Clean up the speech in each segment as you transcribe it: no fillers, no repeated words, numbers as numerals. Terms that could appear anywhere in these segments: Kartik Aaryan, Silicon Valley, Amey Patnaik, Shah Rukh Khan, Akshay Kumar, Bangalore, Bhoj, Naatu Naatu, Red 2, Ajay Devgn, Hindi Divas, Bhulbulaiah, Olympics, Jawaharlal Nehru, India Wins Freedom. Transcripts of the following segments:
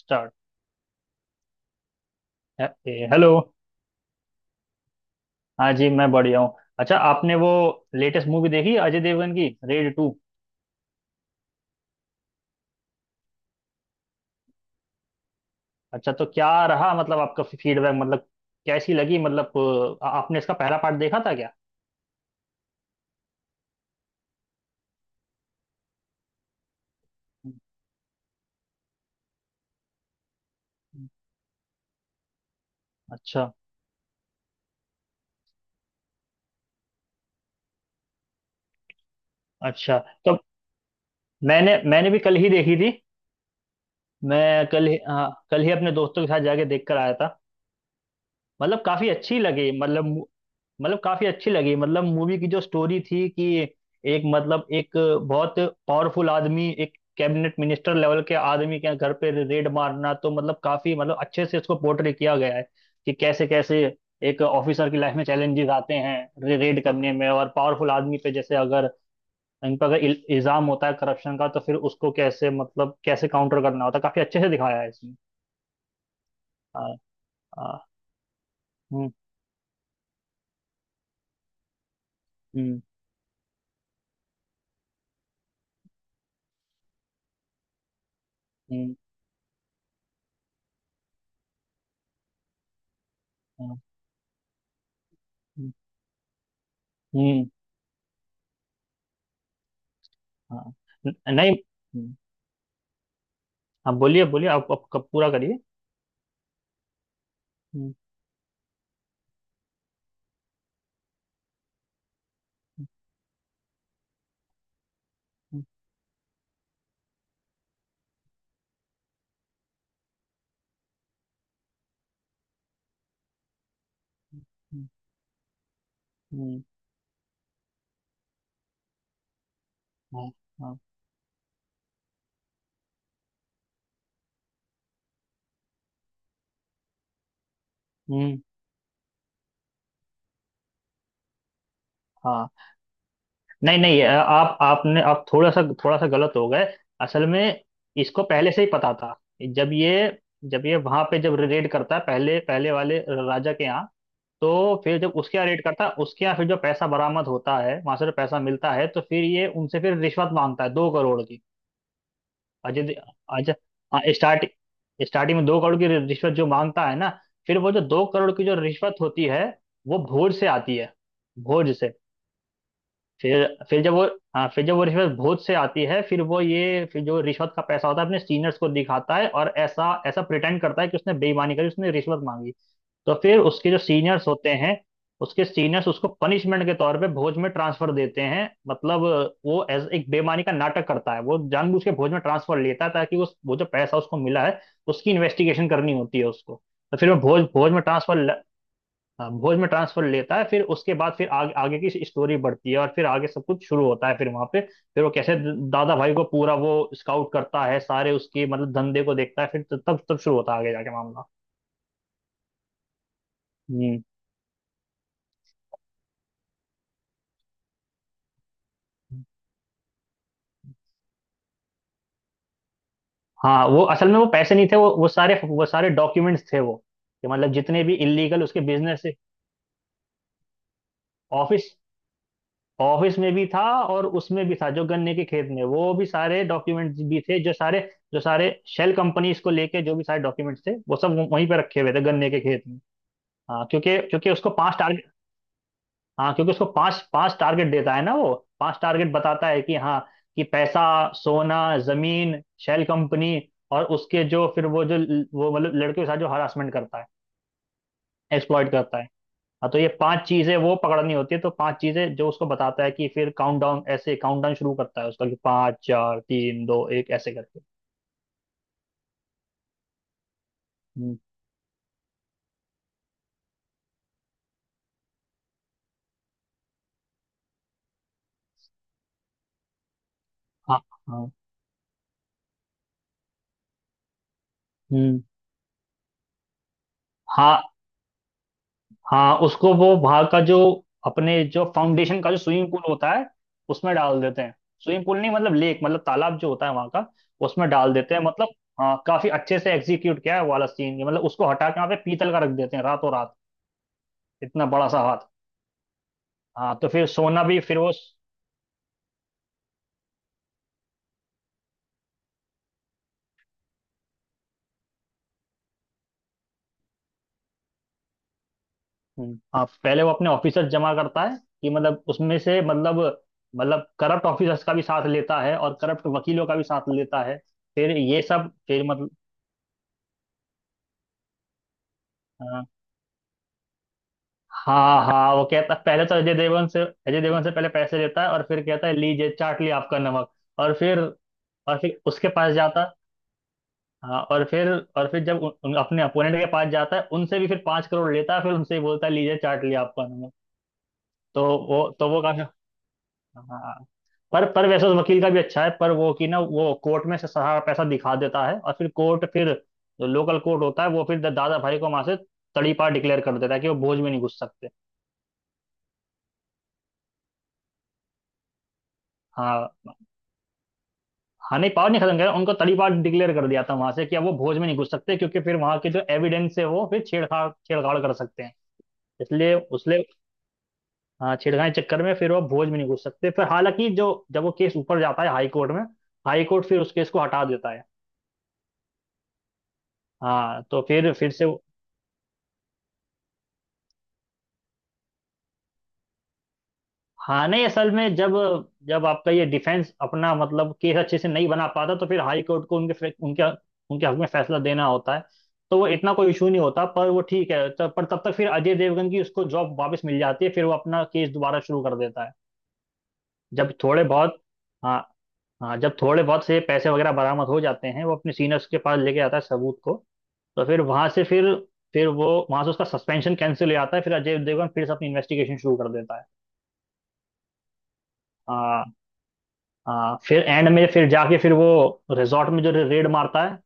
Start. Hello. हाँ जी, मैं बढ़िया हूँ। अच्छा, आपने वो लेटेस्ट मूवी देखी अजय देवगन की, रेड टू? अच्छा, तो क्या रहा, मतलब आपका फीडबैक, मतलब कैसी लगी, मतलब? आपने इसका पहला पार्ट देखा था क्या? हम्म। अच्छा। अच्छा तो मैंने मैंने भी कल ही देखी थी। मैं कल ही, हाँ, कल ही अपने दोस्तों के साथ जाके देख कर आया था। मतलब काफी अच्छी लगी मतलब मतलब काफी अच्छी लगी मतलब मूवी की जो स्टोरी थी कि एक, मतलब एक बहुत पावरफुल आदमी, एक कैबिनेट मिनिस्टर लेवल के आदमी के घर पे रेड मारना, तो मतलब काफी, मतलब अच्छे से इसको पोर्ट्रे किया गया है कि कैसे कैसे एक ऑफिसर की लाइफ में चैलेंजेस आते हैं रेड करने में, और पावरफुल आदमी पे, जैसे अगर इन पर अगर इल्जाम होता है करप्शन का, तो फिर उसको कैसे, मतलब कैसे काउंटर करना होता है, काफी अच्छे से दिखाया है इसमें। हाँ। हाँ। हम्म। हम्म। हम्म। हम्म। हम्म, हाँ, नहीं। हम्म। हाँ, बोलिए बोलिए। आप कब पूरा करिए? हम्म। हम्म। हम्म। हम्म, हम्म, हाँ। हाँ। हम्म, हाँ। नहीं नहीं, ये आप थोड़ा सा गलत हो गए। असल में इसको पहले से ही पता था। जब ये जब ये वहां पे जब रेड करता है पहले, पहले वाले राजा के यहाँ। तो फिर जब उसके यहाँ रेड करता है, उसके यहाँ फिर जो पैसा बरामद होता है, वहां से जो पैसा मिलता है, तो फिर ये उनसे फिर रिश्वत मांगता है, 2 करोड़ की। अजय दे- अजय, हाँ, स्टार्टिंग में 2 करोड़ की रिश्वत जो मांगता है ना, फिर वो जो 2 करोड़ की जो रिश्वत होती है, वो भोज से आती है, भोज से। फिर जब वो, हाँ, फिर जब वो रिश्वत भोज से आती है, फिर वो, ये फिर जो रिश्वत का पैसा होता है, अपने सीनियर्स को दिखाता है और ऐसा ऐसा प्रिटेंड करता है कि उसने बेईमानी करी, उसने रिश्वत मांगी। तो फिर उसके जो सीनियर्स होते हैं, उसके सीनियर्स उसको पनिशमेंट के तौर पे भोज में ट्रांसफर देते हैं, मतलब वो एज, एक बेईमानी का नाटक करता है। वो जानबूझ के भोज में ट्रांसफर लेता है ताकि उस, वो जो पैसा उसको मिला है, उसकी इन्वेस्टिगेशन करनी होती है उसको। तो फिर वो भोज भोज में ट्रांसफर, हाँ, भोज में ट्रांसफर लेता है। फिर उसके बाद फिर आगे, आगे की स्टोरी बढ़ती है और फिर आगे सब कुछ शुरू होता है फिर वहां पे। फिर वो कैसे दादा भाई को पूरा वो स्काउट करता है, सारे उसके मतलब धंधे को देखता है, फिर तब, तब शुरू होता है आगे जाके मामला। हम्म। हाँ, वो असल में वो पैसे नहीं थे, वो सारे, वो सारे डॉक्यूमेंट्स थे वो, कि मतलब जितने भी इलीगल उसके बिजनेस। ऑफिस, ऑफिस में भी था और उसमें भी था, जो गन्ने के खेत में वो भी सारे डॉक्यूमेंट्स भी थे। जो सारे, जो सारे शेल कंपनीज को लेके जो भी सारे डॉक्यूमेंट्स थे, वो सब वहीं पे रखे हुए थे गन्ने के खेत में। हाँ, क्योंकि क्योंकि उसको पांच टारगेट, हाँ, क्योंकि उसको पांच पांच टारगेट देता है ना वो। पांच टारगेट बताता है कि हाँ, कि पैसा, सोना, जमीन, शेल कंपनी, और उसके जो, फिर वो जो, वो मतलब लड़के के साथ जो हरासमेंट करता है, एक्सप्लॉइट करता है। हाँ, तो ये पांच चीजें वो पकड़नी होती है, तो पांच चीजें जो उसको बताता है कि फिर काउंटडाउन, ऐसे काउंटडाउन शुरू करता है उसका कि पांच, चार, तीन, दो, एक, ऐसे करके। हम्म, हाँ। हाँ। हम्म। हाँ। हाँ, उसको वो वहां का जो, अपने जो फाउंडेशन का जो स्विमिंग पूल होता है, उसमें डाल देते हैं। स्विमिंग पूल नहीं, मतलब लेक, मतलब तालाब जो होता है वहां का, उसमें डाल देते हैं, मतलब। हाँ, काफी अच्छे से एग्जीक्यूट किया है वो वाला सीन, मतलब उसको हटा के वहां पे पीतल का रख देते हैं, रातों रात, इतना बड़ा सा हाथ। हाँ, तो फिर सोना भी फिर वो, हाँ, पहले वो अपने ऑफिसर्स जमा करता है कि मतलब उसमें से, मतलब, मतलब करप्ट ऑफिसर्स का भी साथ लेता है और करप्ट वकीलों का भी साथ लेता है, फिर ये सब फिर, मतलब। हाँ। हाँ हाँ, वो कहता पहले तो अजय देवगन से, अजय देवगन से पहले पैसे लेता है और फिर कहता है, लीजिए चाट लिया आपका नमक। और फिर, और फिर उसके पास जाता, हाँ, और फिर, और फिर जब उन, अपने अपोनेंट के पास जाता है, उनसे भी फिर 5 करोड़ लेता है, फिर उनसे ही बोलता है, लीजिए चाट लिया आपका नमक। तो तो वो काफी, हाँ। पर वैसे तो वकील का भी अच्छा है, पर वो कि ना वो कोर्ट में से सारा पैसा दिखा देता है और फिर कोर्ट फिर, जो लोकल कोर्ट होता है, वो फिर दादा भाई को वहां से तड़ीपार डिक्लेयर कर देता है कि वो भोज में नहीं घुस सकते। हाँ हाँ, नहीं पावर नहीं खत्म कर, उनको तड़ीपार डिक्लेयर कर दिया था वहां से कि अब वो भोज में नहीं घुस सकते क्योंकि फिर वहां के जो एविडेंस है, वो फिर छेड़छाड़, छेड़छाड़ कर सकते हैं, इसलिए उसले। हाँ, छेड़खानी के चक्कर में फिर वो भोज में नहीं घुस सकते। फिर हालांकि जो, जब वो केस ऊपर जाता है हाई कोर्ट में, हाई कोर्ट फिर उस केस को हटा देता है। हाँ, तो फिर से, हाँ, नहीं असल में जब, जब आपका ये डिफेंस अपना, मतलब केस अच्छे से नहीं बना पाता, तो फिर हाई कोर्ट को उनके उनके, उनके हक में फैसला देना होता है, तो वो इतना कोई इशू नहीं होता। पर वो ठीक है, तब पर तब तक फिर अजय देवगन की उसको जॉब वापस मिल जाती है, फिर वो अपना केस दोबारा शुरू कर देता है। जब थोड़े बहुत, हाँ। हाँ, जब थोड़े बहुत से पैसे वगैरह बरामद हो जाते हैं, वो अपने सीनियर्स के पास लेके आता है सबूत को, तो फिर वहां से फिर वो वहां से उसका सस्पेंशन कैंसिल हो जाता है, फिर अजय देवगन फिर से अपनी इन्वेस्टिगेशन शुरू कर देता है। हाँ, हाँ फिर एंड में फिर जाके फिर वो रिजॉर्ट में जो रेड मारता है,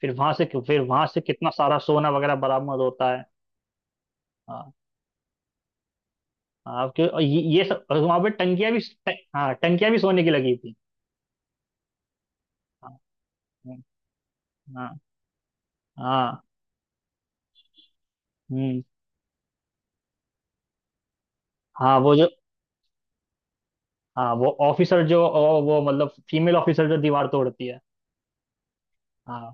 फिर वहां से, फिर वहां से कितना सारा सोना वगैरह बरामद होता है। हाँ, हाँ क्यों। और ये सब वहां पे टंकियां भी, हाँ, टंकियां भी सोने की लगी थी। हाँ। हाँ। हाँ। हम्म। हाँ, वो जो, हाँ, वो ऑफिसर जो, वो मतलब फीमेल ऑफिसर जो दीवार तोड़ती है। हाँ।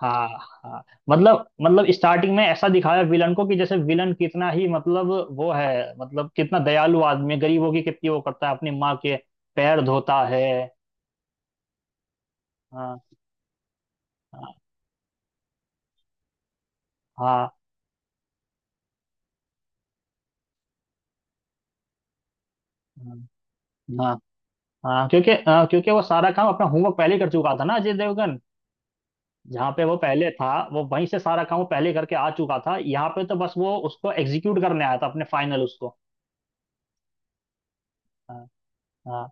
हाँ। हाँ, मतलब, मतलब स्टार्टिंग में ऐसा दिखाया विलन को कि जैसे विलन कितना ही, मतलब वो है मतलब, कितना दयालु आदमी है, गरीबों की कितनी वो करता है, अपनी माँ के पैर धोता है। हाँ। हाँ। हाँ। हाँ। हाँ, क्योंकि, हाँ, क्योंकि वो सारा काम अपना होमवर्क पहले कर चुका था ना अजय देवगन। जहाँ पे वो पहले था, वो वहीं से सारा काम वो पहले करके आ चुका था, यहाँ पे तो बस वो उसको एग्जीक्यूट करने आया था, अपने फाइनल, उसको। हाँ। हाँ।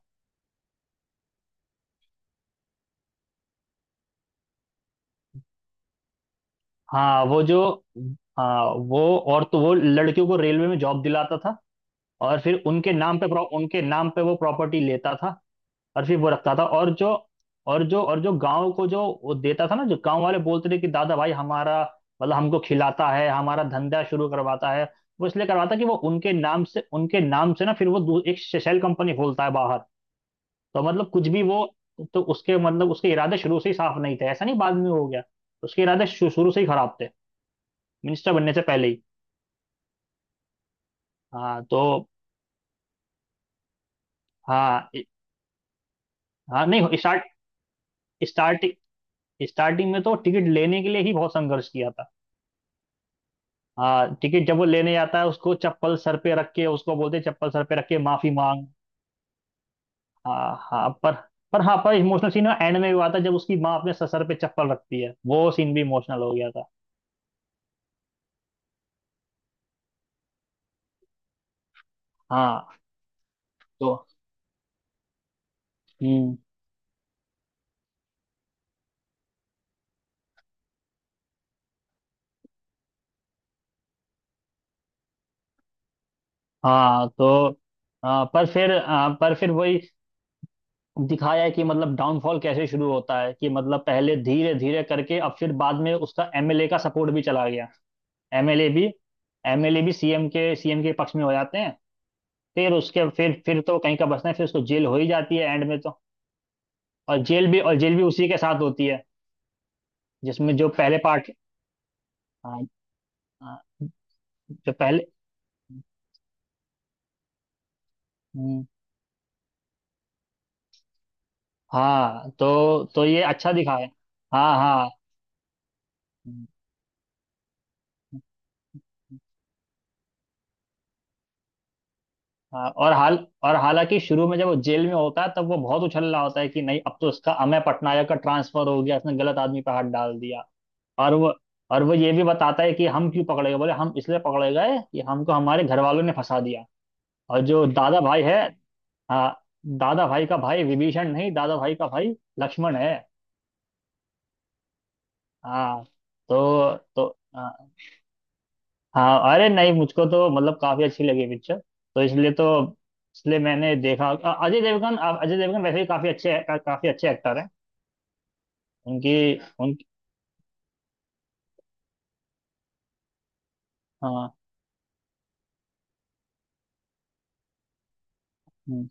हाँ, वो जो, हाँ वो, और तो वो लड़कियों को रेलवे में जॉब दिलाता था और फिर उनके नाम पे उनके नाम पे वो प्रॉपर्टी लेता था। और फिर वो रखता था, और जो और जो और जो गांव को जो वो देता था ना, जो गांव वाले बोलते थे कि दादा भाई हमारा, मतलब हमको खिलाता है, हमारा धंधा शुरू करवाता है, वो इसलिए करवाता कि वो उनके नाम से, उनके नाम से ना फिर वो एक शेल कंपनी खोलता है बाहर। तो मतलब कुछ भी वो, तो उसके मतलब, उसके इरादे शुरू से ही साफ नहीं थे, ऐसा नहीं बाद में हो गया। उसके इरादे शुरू से ही खराब थे, मिनिस्टर बनने से पहले ही। हाँ तो, हाँ इ-, हाँ, नहीं स्टार्ट स्टार्ट स्टार्टिंग में तो टिकट लेने के लिए ही बहुत संघर्ष किया था। हाँ, टिकट जब वो लेने जाता है, उसको चप्पल सर पे रख के उसको बोलते हैं, चप्पल सर पे रख के माफी मांग। हाँ हाँ पर हाँ, पर इमोशनल सीन एंड में हुआ था जब उसकी माँ अपने सर, सर पे चप्पल रखती है, वो सीन भी इमोशनल हो गया था। हाँ, तो, हम्म, हाँ तो, हाँ पर फिर, हाँ, पर फिर वही दिखाया है कि मतलब डाउनफॉल कैसे शुरू होता है कि मतलब पहले धीरे धीरे करके अब फिर बाद में उसका एमएलए का सपोर्ट भी चला गया। एमएलए भी, एमएलए भी सीएम के, सीएम के पक्ष में हो जाते हैं, फिर उसके फिर तो कहीं का बसना है, फिर उसको जेल हो ही जाती है एंड में तो। और जेल भी, और जेल भी उसी के साथ होती है जिसमें जो पहले पार्ट, हाँ, हाँ, जो पहले, हम्म, हाँ, तो ये अच्छा दिखा है। हाँ। हाँ। हम्म, हाँ, और हाल, और हालांकि शुरू में जब वो जेल में होता है, तब वो बहुत उछल रहा होता है कि नहीं, अब तो इसका अमय पटनायक का ट्रांसफर हो गया, इसने गलत आदमी पर हाथ डाल दिया। और वो, और वो ये भी बताता है कि हम क्यों पकड़े गए, बोले हम इसलिए पकड़े गए कि हमको हमारे घर वालों ने फंसा दिया। और जो दादा भाई है, हाँ, दादा भाई का भाई विभीषण नहीं, दादा भाई का भाई लक्ष्मण है। हाँ, तो, हाँ, हाँ, अरे नहीं, मुझको तो मतलब काफी अच्छी लगी पिक्चर। तो इसलिए तो, इसलिए मैंने देखा, अजय देवगन, अजय देवगन वैसे ही काफी अच्छे का, काफी अच्छे एक्टर हैं। उनकी, उनकी, हाँ। हम्म।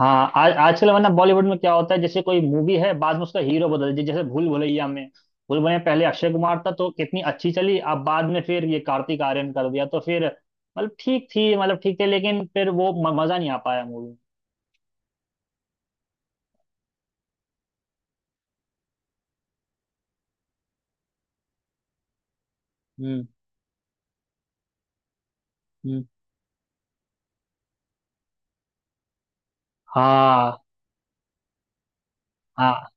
हाँ, आज, आजकल वरना बॉलीवुड में क्या होता है, जैसे कोई मूवी है, बाद में उसका हीरो बदल, जैसे भूल भुलैया में, भूल भुलैया पहले अक्षय कुमार था तो कितनी अच्छी चली, अब बाद में फिर ये कार्तिक आर्यन कर दिया तो फिर मतलब ठीक थी, मतलब ठीक थे, लेकिन फिर वो मजा नहीं आ पाया मूवी। हम्म। हम्म। हाँ। हाँ।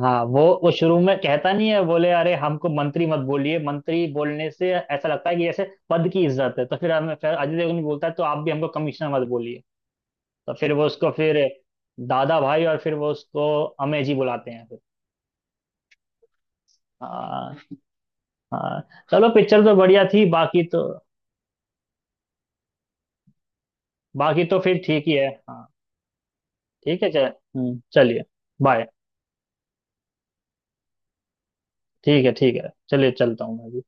हाँ, वो शुरू में कहता नहीं है, बोले अरे हमको मंत्री मत बोलिए, मंत्री बोलने से ऐसा लगता है कि जैसे पद की इज्जत है, तो फिर हमें, फिर अजय देवगन भी बोलता है तो आप भी हमको कमिश्नर मत बोलिए। तो फिर वो उसको फिर दादा भाई, और फिर वो उसको अमेजी बुलाते हैं फिर। हाँ। हाँ। चलो पिक्चर तो बढ़िया थी, बाकी तो, बाकी तो फिर ठीक ही है। हाँ, ठीक है चल, चलिए, बाय। ठीक है, ठीक है, चलिए, चलता हूँ मैं भी।